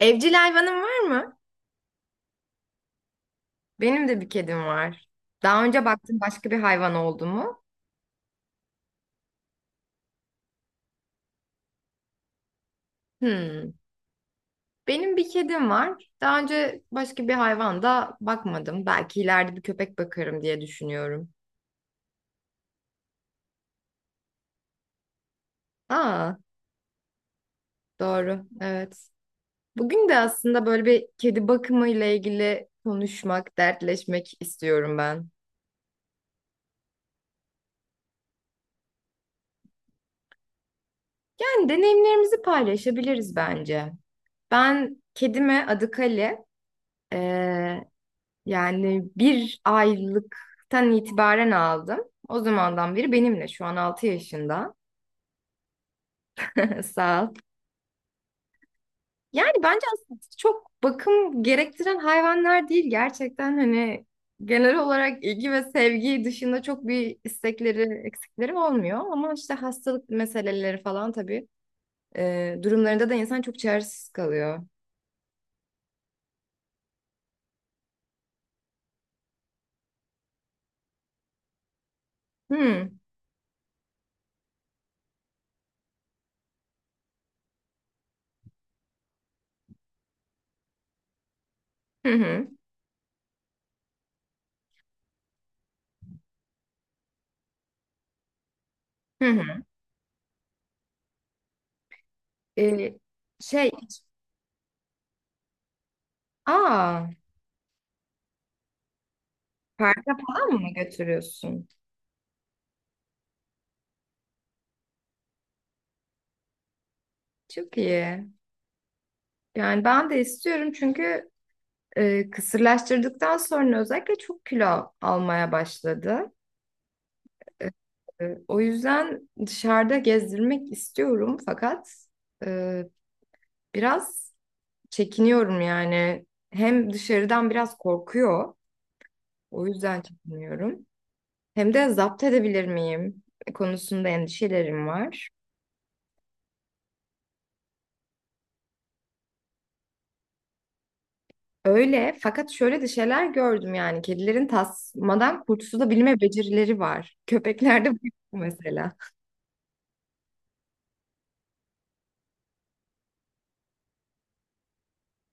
Evcil hayvanın var mı? Benim de bir kedim var. Daha önce baktın başka bir hayvan oldu mu? Hmm. Benim bir kedim var. Daha önce başka bir hayvan da bakmadım. Belki ileride bir köpek bakarım diye düşünüyorum. Aa, doğru. Evet. Bugün de aslında böyle bir kedi bakımı ile ilgili konuşmak, dertleşmek istiyorum ben. Yani deneyimlerimizi paylaşabiliriz bence. Ben kedime adı Kale. Ee, Yani 1 aylıktan itibaren aldım. O zamandan beri benimle şu an 6 yaşında. Sağ ol. Yani bence aslında çok bakım gerektiren hayvanlar değil. Gerçekten hani genel olarak ilgi ve sevgi dışında çok bir istekleri, eksikleri olmuyor. Ama işte hastalık meseleleri falan tabii durumlarında da insan çok çaresiz kalıyor. Hmm. Hı hı. Hı hı. E, şey, aa, Parka falan mı götürüyorsun? Çok iyi. Yani ben de istiyorum çünkü kısırlaştırdıktan sonra özellikle çok kilo almaya başladı. O yüzden dışarıda gezdirmek istiyorum fakat e, biraz çekiniyorum yani. Hem dışarıdan biraz korkuyor, o yüzden çekiniyorum. Hem de zapt edebilir miyim konusunda endişelerim var. Öyle fakat şöyle de şeyler gördüm yani kedilerin tasmadan kurtulabilme becerileri var. Köpeklerde bu yok mesela.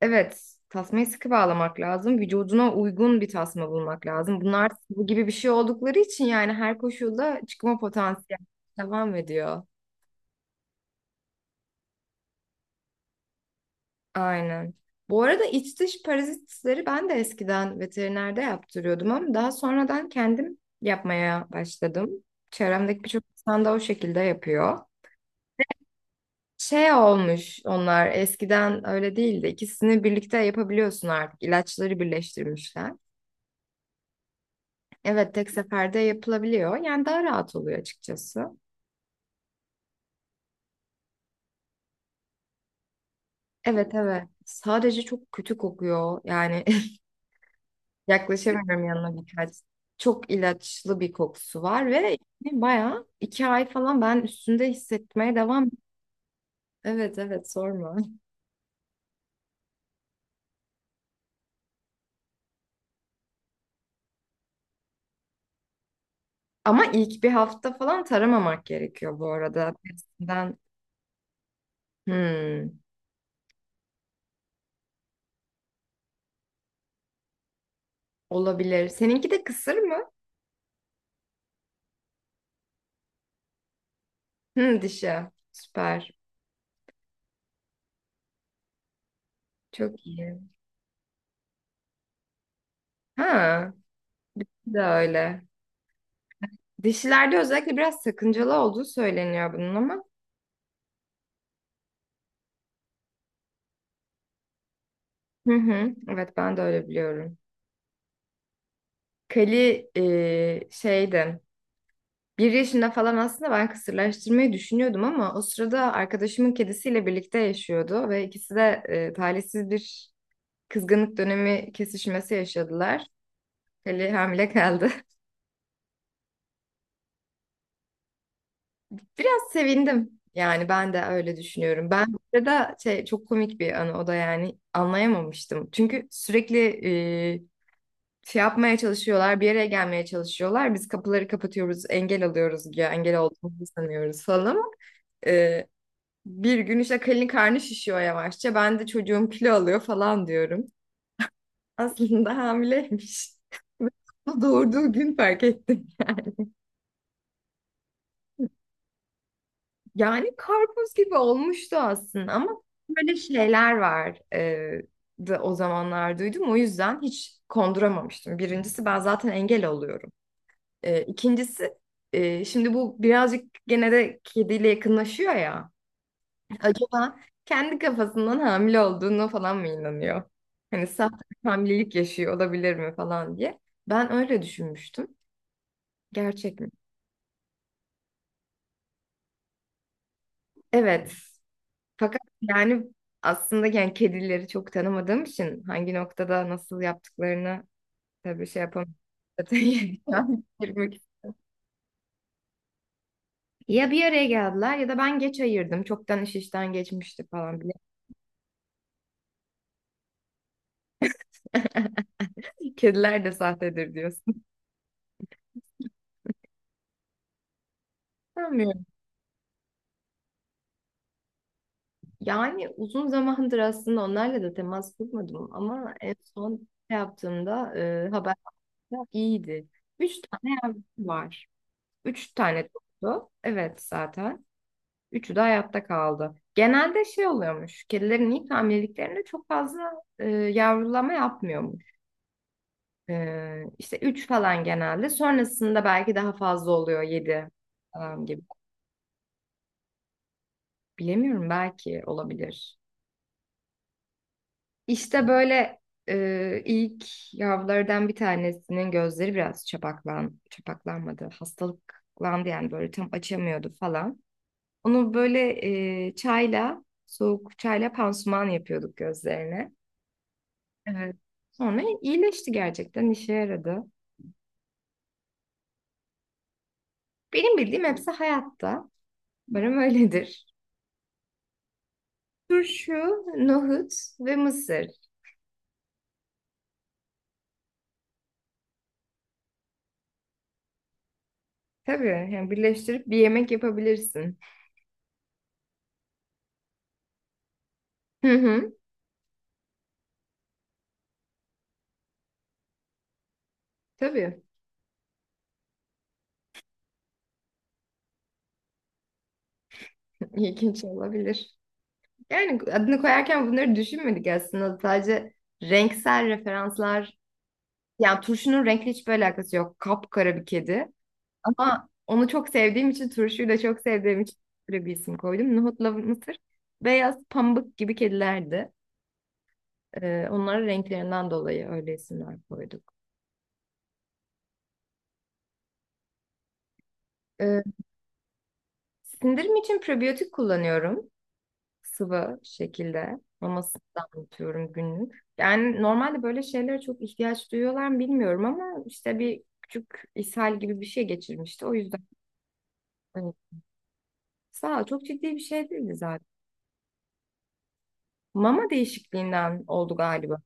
Evet, tasmayı sıkı bağlamak lazım. Vücuduna uygun bir tasma bulmak lazım. Bunlar bu gibi bir şey oldukları için yani her koşulda çıkma potansiyeli devam ediyor. Aynen. Bu arada iç dış parazitleri ben de eskiden veterinerde yaptırıyordum ama daha sonradan kendim yapmaya başladım. Çevremdeki birçok insan da o şekilde yapıyor. Şey olmuş, onlar eskiden öyle değildi. İkisini birlikte yapabiliyorsun artık. İlaçları birleştirmişler. Evet, tek seferde yapılabiliyor. Yani daha rahat oluyor açıkçası. Evet, evet. Sadece çok kötü kokuyor. Yani yaklaşamıyorum yanına birkaç. Çok ilaçlı bir kokusu var ve yani bayağı 2 ay falan ben üstünde hissetmeye devam. Evet, evet, sorma. Ama ilk bir hafta falan taramamak gerekiyor bu arada. Testinden hmm, olabilir. Seninki de kısır mı? Hmm, dişi. Süper. Çok iyi. Ha, de öyle. Dişilerde özellikle biraz sakıncalı olduğu söyleniyor bunun ama. Hı hı. Evet, ben de öyle biliyorum. Kali şeydi. 1 yaşında falan aslında ben kısırlaştırmayı düşünüyordum ama o sırada arkadaşımın kedisiyle birlikte yaşıyordu ve ikisi de talihsiz bir kızgınlık dönemi kesişmesi yaşadılar. Kali hamile kaldı. Biraz sevindim. Yani ben de öyle düşünüyorum. Ben burada da şey çok komik bir anı, o da yani anlayamamıştım. Çünkü sürekli e, şey yapmaya çalışıyorlar, bir yere gelmeye çalışıyorlar. Biz kapıları kapatıyoruz, engel alıyoruz ya, engel olduğumuzu sanıyoruz falan. Ee, Bir gün işte Kalin karnı şişiyor yavaşça. Ben de çocuğum kilo alıyor falan diyorum. Aslında hamileymiş. Ve doğurduğu gün fark ettim yani. Yani karpuz gibi olmuştu aslında ama böyle şeyler var da o zamanlar duydum. O yüzden hiç konduramamıştım. Birincisi, ben zaten engel oluyorum. İkincisi şimdi bu birazcık gene de kediyle yakınlaşıyor ya. Acaba kendi kafasından hamile olduğunu falan mı inanıyor? Hani sahte bir hamilelik yaşıyor olabilir mi falan diye. Ben öyle düşünmüştüm. Gerçek mi? Evet. Fakat yani aslında yani kedileri çok tanımadığım için hangi noktada nasıl yaptıklarını tabii şey yapamam. Zaten yani Ya bir araya geldiler ya da ben geç ayırdım. Çoktan iş işten geçmişti falan. Kediler de sahtedir diyorsun. Sanmıyorum. Yani uzun zamandır aslında onlarla da temas kurmadım ama en son şey yaptığımda haberde iyiydi. Üç tane yavrusu var. Üç tane doğdu. Evet, zaten. Üçü de hayatta kaldı. Genelde şey oluyormuş. Kedilerin ilk hamileliklerinde çok fazla yavrulama yapmıyormuş. E, işte üç falan genelde. Sonrasında belki daha fazla oluyor. Yedi falan gibi. Bilemiyorum, belki olabilir. İşte böyle ilk yavrulardan bir tanesinin gözleri biraz çapaklanmadı, hastalıklandı yani böyle tam açamıyordu falan. Onu böyle soğuk çayla pansuman yapıyorduk gözlerine. Evet. Sonra iyileşti, gerçekten işe yaradı. Benim bildiğim hepsi hayatta. Umarım öyledir. Turşu, nohut ve mısır. Tabii, yani birleştirip bir yemek yapabilirsin. Hı hı. Tabii, ilginç olabilir. Yani adını koyarken bunları düşünmedik aslında. Sadece renksel referanslar. Yani turşunun renkli hiçbir alakası yok. Kapkara bir kedi. Ama onu çok sevdiğim için, turşuyu da çok sevdiğim için böyle bir isim koydum. Nohutla mısır beyaz pamuk gibi kedilerdi. Onların renklerinden dolayı öyle isimler koyduk. Ee, Sindirim için probiyotik kullanıyorum. Sıvı şekilde mamasından damlatıyorum günlük. Yani normalde böyle şeylere çok ihtiyaç duyuyorlar mı bilmiyorum ama işte bir küçük ishal gibi bir şey geçirmişti. O yüzden hani sağ ol, çok ciddi bir şey değildi zaten. Mama değişikliğinden oldu galiba.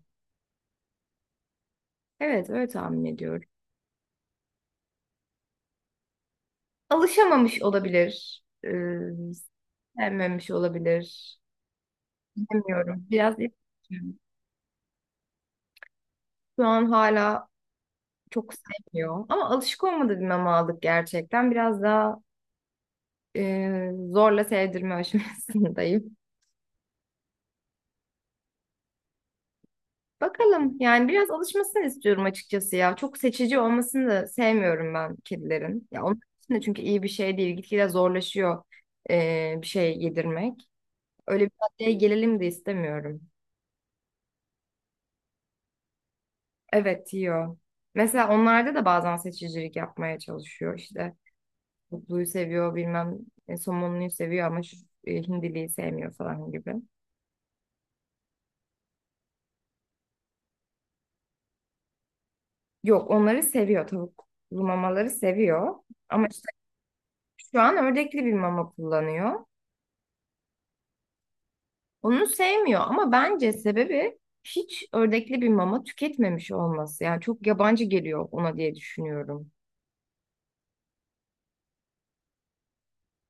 Evet, öyle tahmin ediyorum. Alışamamış olabilir. Sevmemiş olabilir. Bilmiyorum. Biraz iletişim. Şu an hala çok sevmiyor. Ama alışık olmadığı bir mama aldık gerçekten. Biraz daha zorla sevdirme aşamasındayım. Bakalım, yani biraz alışmasını istiyorum açıkçası ya. Çok seçici olmasını da sevmiyorum ben kedilerin. Ya, onun için de çünkü iyi bir şey değil. Gitgide zorlaşıyor bir şey yedirmek. Öyle bir noktaya gelelim de istemiyorum. Evet, yiyor. Mesela onlarda da bazen seçicilik yapmaya çalışıyor işte. Kutluyu seviyor, bilmem somonluyu seviyor ama şu hindiliyi sevmiyor falan gibi. Yok, onları seviyor, tavuklu mamaları seviyor. Ama Şu an ördekli bir mama kullanıyor. Onu sevmiyor ama bence sebebi hiç ördekli bir mama tüketmemiş olması. Yani çok yabancı geliyor ona diye düşünüyorum.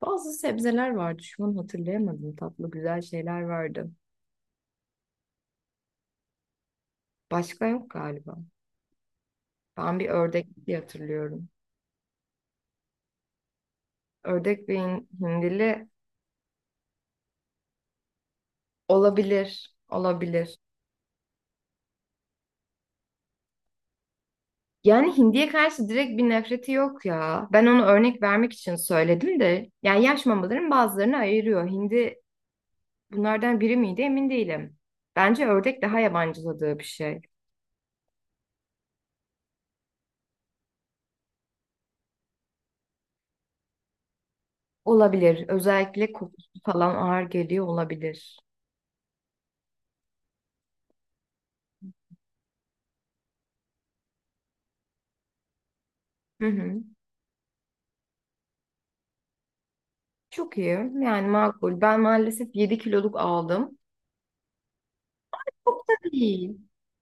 Bazı sebzeler vardı. Şu an hatırlayamadım. Tatlı güzel şeyler vardı. Başka yok galiba. Ben bir ördek diye hatırlıyorum. Ördek ve hindili olabilir. Olabilir. Yani hindiye karşı direkt bir nefreti yok ya. Ben onu örnek vermek için söyledim de. Yani yaş mamaların bazılarını ayırıyor. Hindi bunlardan biri miydi emin değilim. Bence ördek daha yabancıladığı bir şey. Olabilir. Özellikle kokusu falan ağır geliyor olabilir. Hı hı. Çok iyi. Yani makul. Ben maalesef 7 kiloluk aldım. Çok da değil.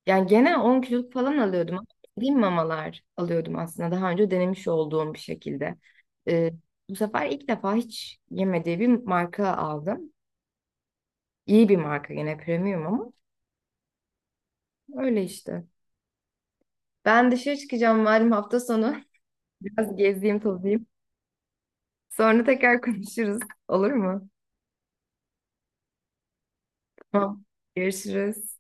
Yani genel 10 kiloluk falan alıyordum, ama dediğim mamalar alıyordum aslında. Daha önce denemiş olduğum bir şekilde. Ee, Bu sefer ilk defa hiç yemediği bir marka aldım. İyi bir marka, yine premium ama öyle işte. Ben dışarı çıkacağım malum hafta sonu. Biraz gezeyim tozayım. Sonra tekrar konuşuruz. Olur mu? Tamam. Görüşürüz.